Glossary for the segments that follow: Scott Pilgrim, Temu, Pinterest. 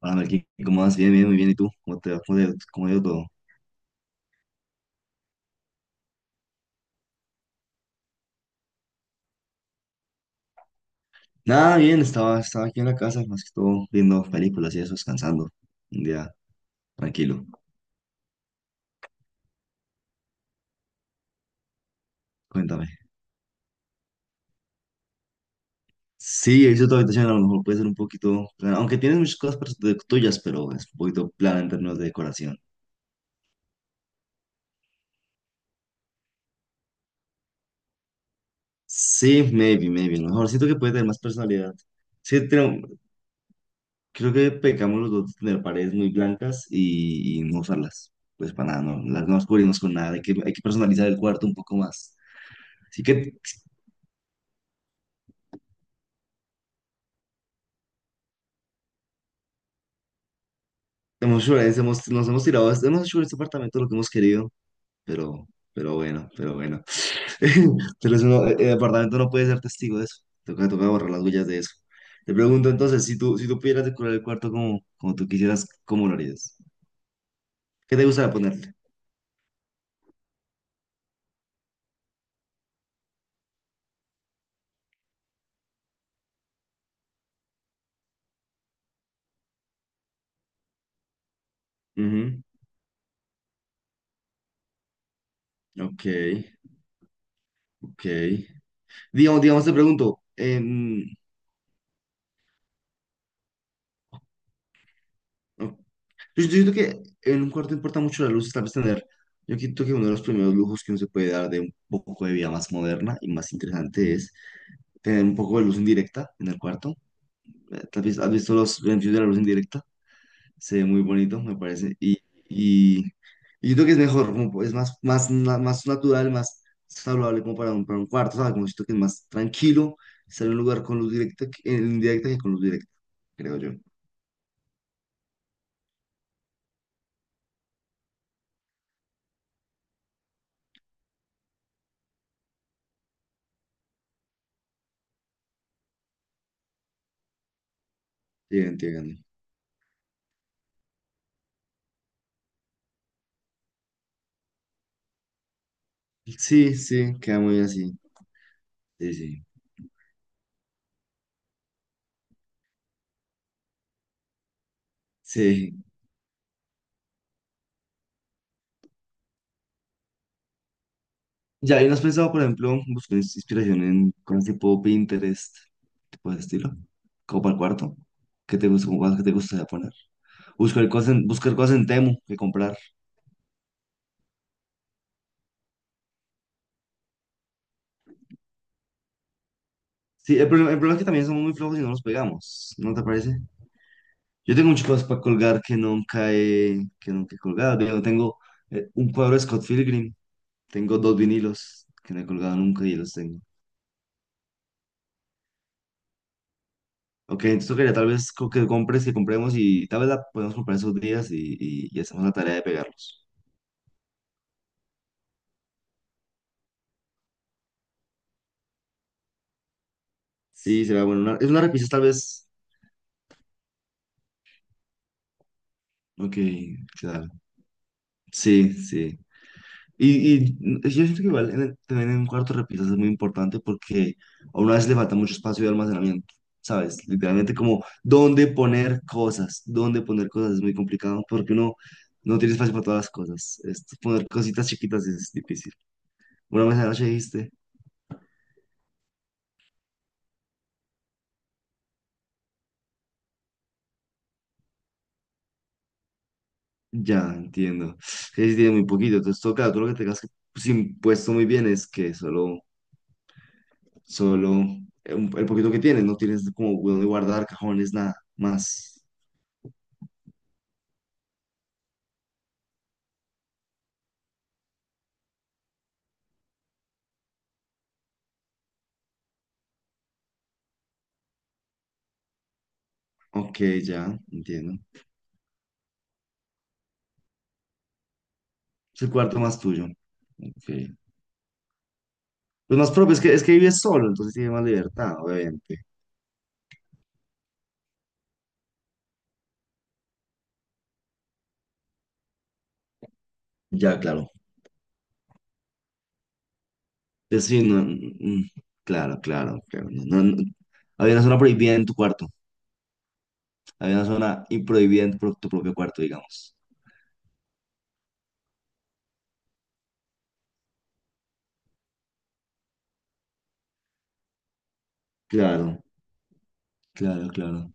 Ah, aquí, ¿cómo vas? Bien, bien, muy bien. ¿Y tú? ¿Cómo te va? ¿Cómo ha ido todo? Nada, bien, estaba aquí en la casa, más que todo viendo películas y eso, descansando. Un día tranquilo. Cuéntame. Sí, he visto tu habitación, a lo mejor puede ser un poquito plana, aunque tienes muchas cosas tuyas, pero es un poquito plana en términos de decoración. Sí, maybe, maybe. A lo mejor siento que puede tener más personalidad. Sí, creo que pecamos los dos de tener paredes muy blancas y, no usarlas. Pues para nada, no, las no las cubrimos con nada. Hay que personalizar el cuarto un poco más. Así que hemos hecho violencia, nos hemos tirado, hemos hecho en este apartamento lo que hemos querido, pero, pero bueno. Pero eso no- el apartamento no puede ser testigo de eso. Toca borrar las huellas de eso. Te pregunto entonces, si tú pudieras decorar el cuarto como tú quisieras, ¿cómo lo harías? ¿Qué te gustaría ponerle? Ujú. Ok, ok. Digamos, te pregunto, o- yo siento que en un cuarto importa mucho la luz, tal vez tener, yo siento que uno de los primeros lujos que uno se puede dar de un poco de vida más moderna y más interesante tener un poco de luz indirecta en el cuarto. ¿Has visto los beneficios de la luz indirecta? Se ve muy bonito, me parece. Y, y yo creo que es mejor, como es más, más natural, más saludable como para un cuarto, ¿sabes? Como siento que es más tranquilo estar en un lugar con luz directa, que- en indirecta que con luz directa, creo yo. Llegan, llegan. Sí, sí, queda muy así. Sí, sí. Sí. Ya, ¿y no has pensado, por ejemplo, buscar inspiración en cosas tipo Pinterest, tipo de ese estilo? Como para el cuarto. ¿Qué te gusta, como cosas que te gustaría poner? Buscar cosas en Temu que comprar. Sí, el problema es que también somos muy flojos y no nos pegamos, ¿no te parece? Yo tengo muchas cosas para colgar que nunca he colgado. Yo tengo un cuadro de Scott Pilgrim, tengo dos vinilos que no he colgado nunca y los tengo. Ok, entonces tocaría tal vez que compremos y tal vez la podemos comprar esos días y hacemos la tarea de pegarlos. Sí, será bueno. Es una repisa tal vez. Ok, claro. Sí, sí. Y mm, yo siento que igual también en un cuarto de repisas es muy importante porque a una vez le falta mucho espacio de almacenamiento, ¿sabes? Literalmente como dónde poner cosas es muy complicado porque uno no tiene espacio para todas las cosas. Es- poner cositas chiquitas es difícil. Una vez anoche dijiste, ya entiendo. Que sí tiene muy poquito, entonces toca, tú lo que tengas que, pues, impuesto muy bien es que solo el poquito que tienes, no tienes como dónde guardar cajones, nada más. Ok, ya, entiendo. Es el cuarto más tuyo. Ok. Pues más propio, es que vives solo, entonces tienes más libertad, obviamente. Ya, claro. Pues sí, no, mm, claro, claro, claro. No, no, no. Había una zona prohibida en tu cuarto. Había una zona y prohibida en tu propio cuarto, digamos. Claro, claro, claro.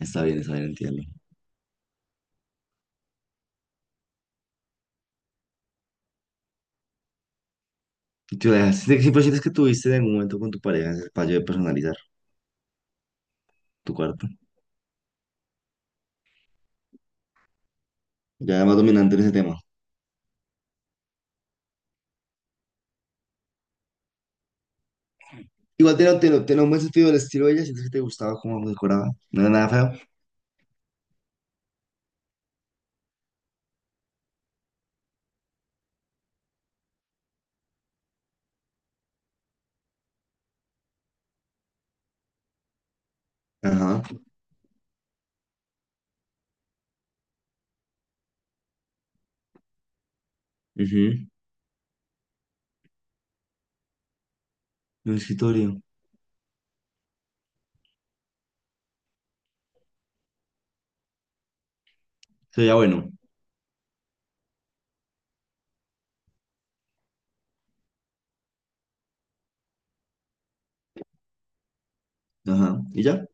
Está bien, entiendo. ¿Siempre sientes que tuviste en algún momento con tu pareja ese fallo de personalizar tu cuarto? Ya más dominante en ese tema. Igual tiene un buen sentido del estilo de ella, siento que te gustaba cómo decoraba, no era nada feo. Ajá, ujú. Un escritorio, se veía bueno, ajá, y ya,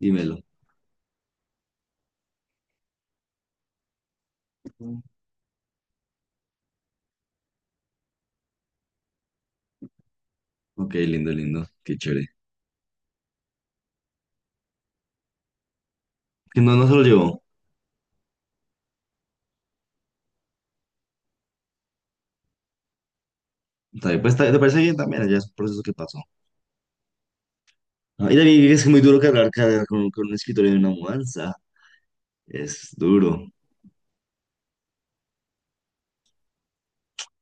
dímelo. Ok, lindo, lindo, qué chévere. Que no, no se lo llevó. Está bien, te parece bien también, ya es un proceso que pasó. Ah, y también es que es muy duro cargar, cargar con un escritorio de una mudanza, es duro,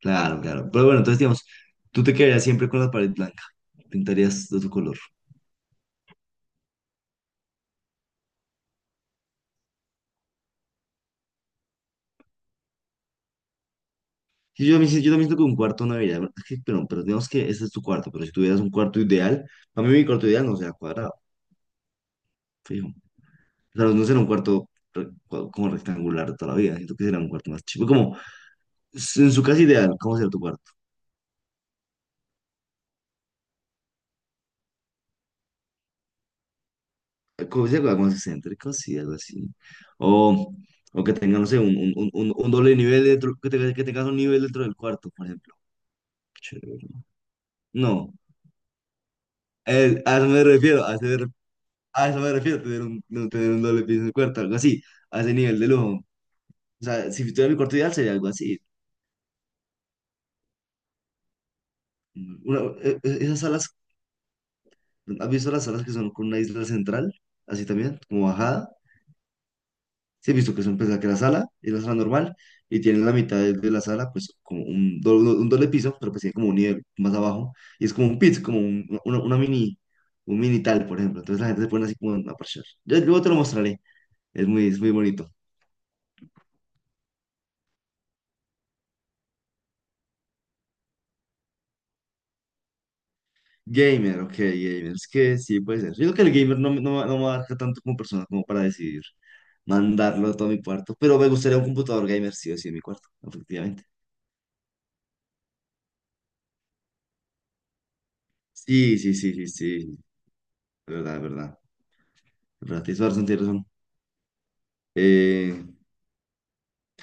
claro, claro. Pero bueno, entonces digamos, tú te quedarías siempre con la pared blanca, pintarías de tu color. Sí, yo, yo también siento que un cuarto no debería. Es que, pero digamos que ese es tu cuarto, pero si tuvieras un cuarto ideal, a mí mi cuarto ideal no será cuadrado, fijo. O sea, no será un cuarto como rectangular toda la vida, siento que será un cuarto más chico. Como en su casa ideal, ¿cómo será tu cuarto? Como si algo más excéntrico, sí, algo así. O, o que tenga, no sé, un doble nivel dentro, que tengas un nivel dentro del cuarto, por ejemplo. Chévere. No, a eso me refiero, a eso me refiero, tener un, no tener un doble piso en el cuarto, algo así, a ese nivel de lujo. O sea, si tuviera mi cuarto ideal sería algo así. Una- Esas salas, ¿has visto las salas que son con una isla central? Así también, como bajada. Sí, he visto que son, pues, la que la sala es la sala normal y tienen la mitad de la sala, pues, como un doble piso, pero pues tiene como un nivel más abajo. Y es como un pit, como una mini, un mini tal, por ejemplo. Entonces la gente se pone así como a parchar. Yo luego te lo mostraré. Es muy bonito. Gamer, ok, gamer. Es que sí, puede ser. Yo creo que el gamer no, no me abarca tanto como persona como para decidir mandarlo a todo mi cuarto. Pero me gustaría un computador gamer, sí o sí, en mi cuarto, efectivamente. Sí, sí, sí, sí, sí. De verdad, de verdad. De verdad, tienes razón, tienes razón. Eh,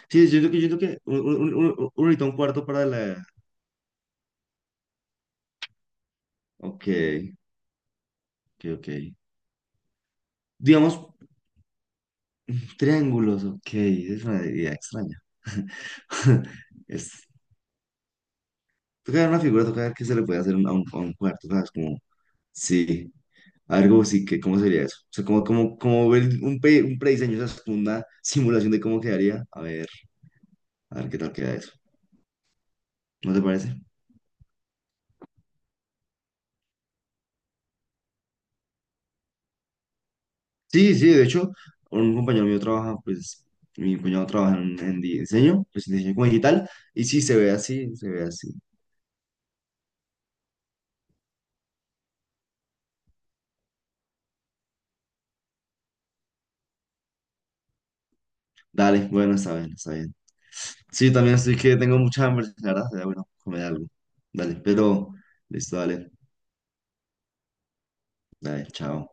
sí, yo creo que un ahorita un cuarto para la... Ok, ok, ok. Digamos, triángulos, ok. Es una idea extraña. Es, toca ver una figura, toca ver qué se le puede hacer a un cuarto, ¿sabes? Como, sí. Algo así que, ¿cómo sería eso? O sea, como, como, como ver un prediseño, o sea, como una simulación de cómo quedaría. A ver qué tal queda eso. ¿No te parece? Sí, sí, de hecho, un compañero mío trabaja, pues, mi cuñado trabaja en diseño, pues, en diseño como digital, y sí, se ve así, se ve así. Dale, bueno, está bien, está bien. Sí, también estoy que tengo mucha hambre, la verdad, sería bueno, comer algo. Dale, pero, listo, dale, dale, chao.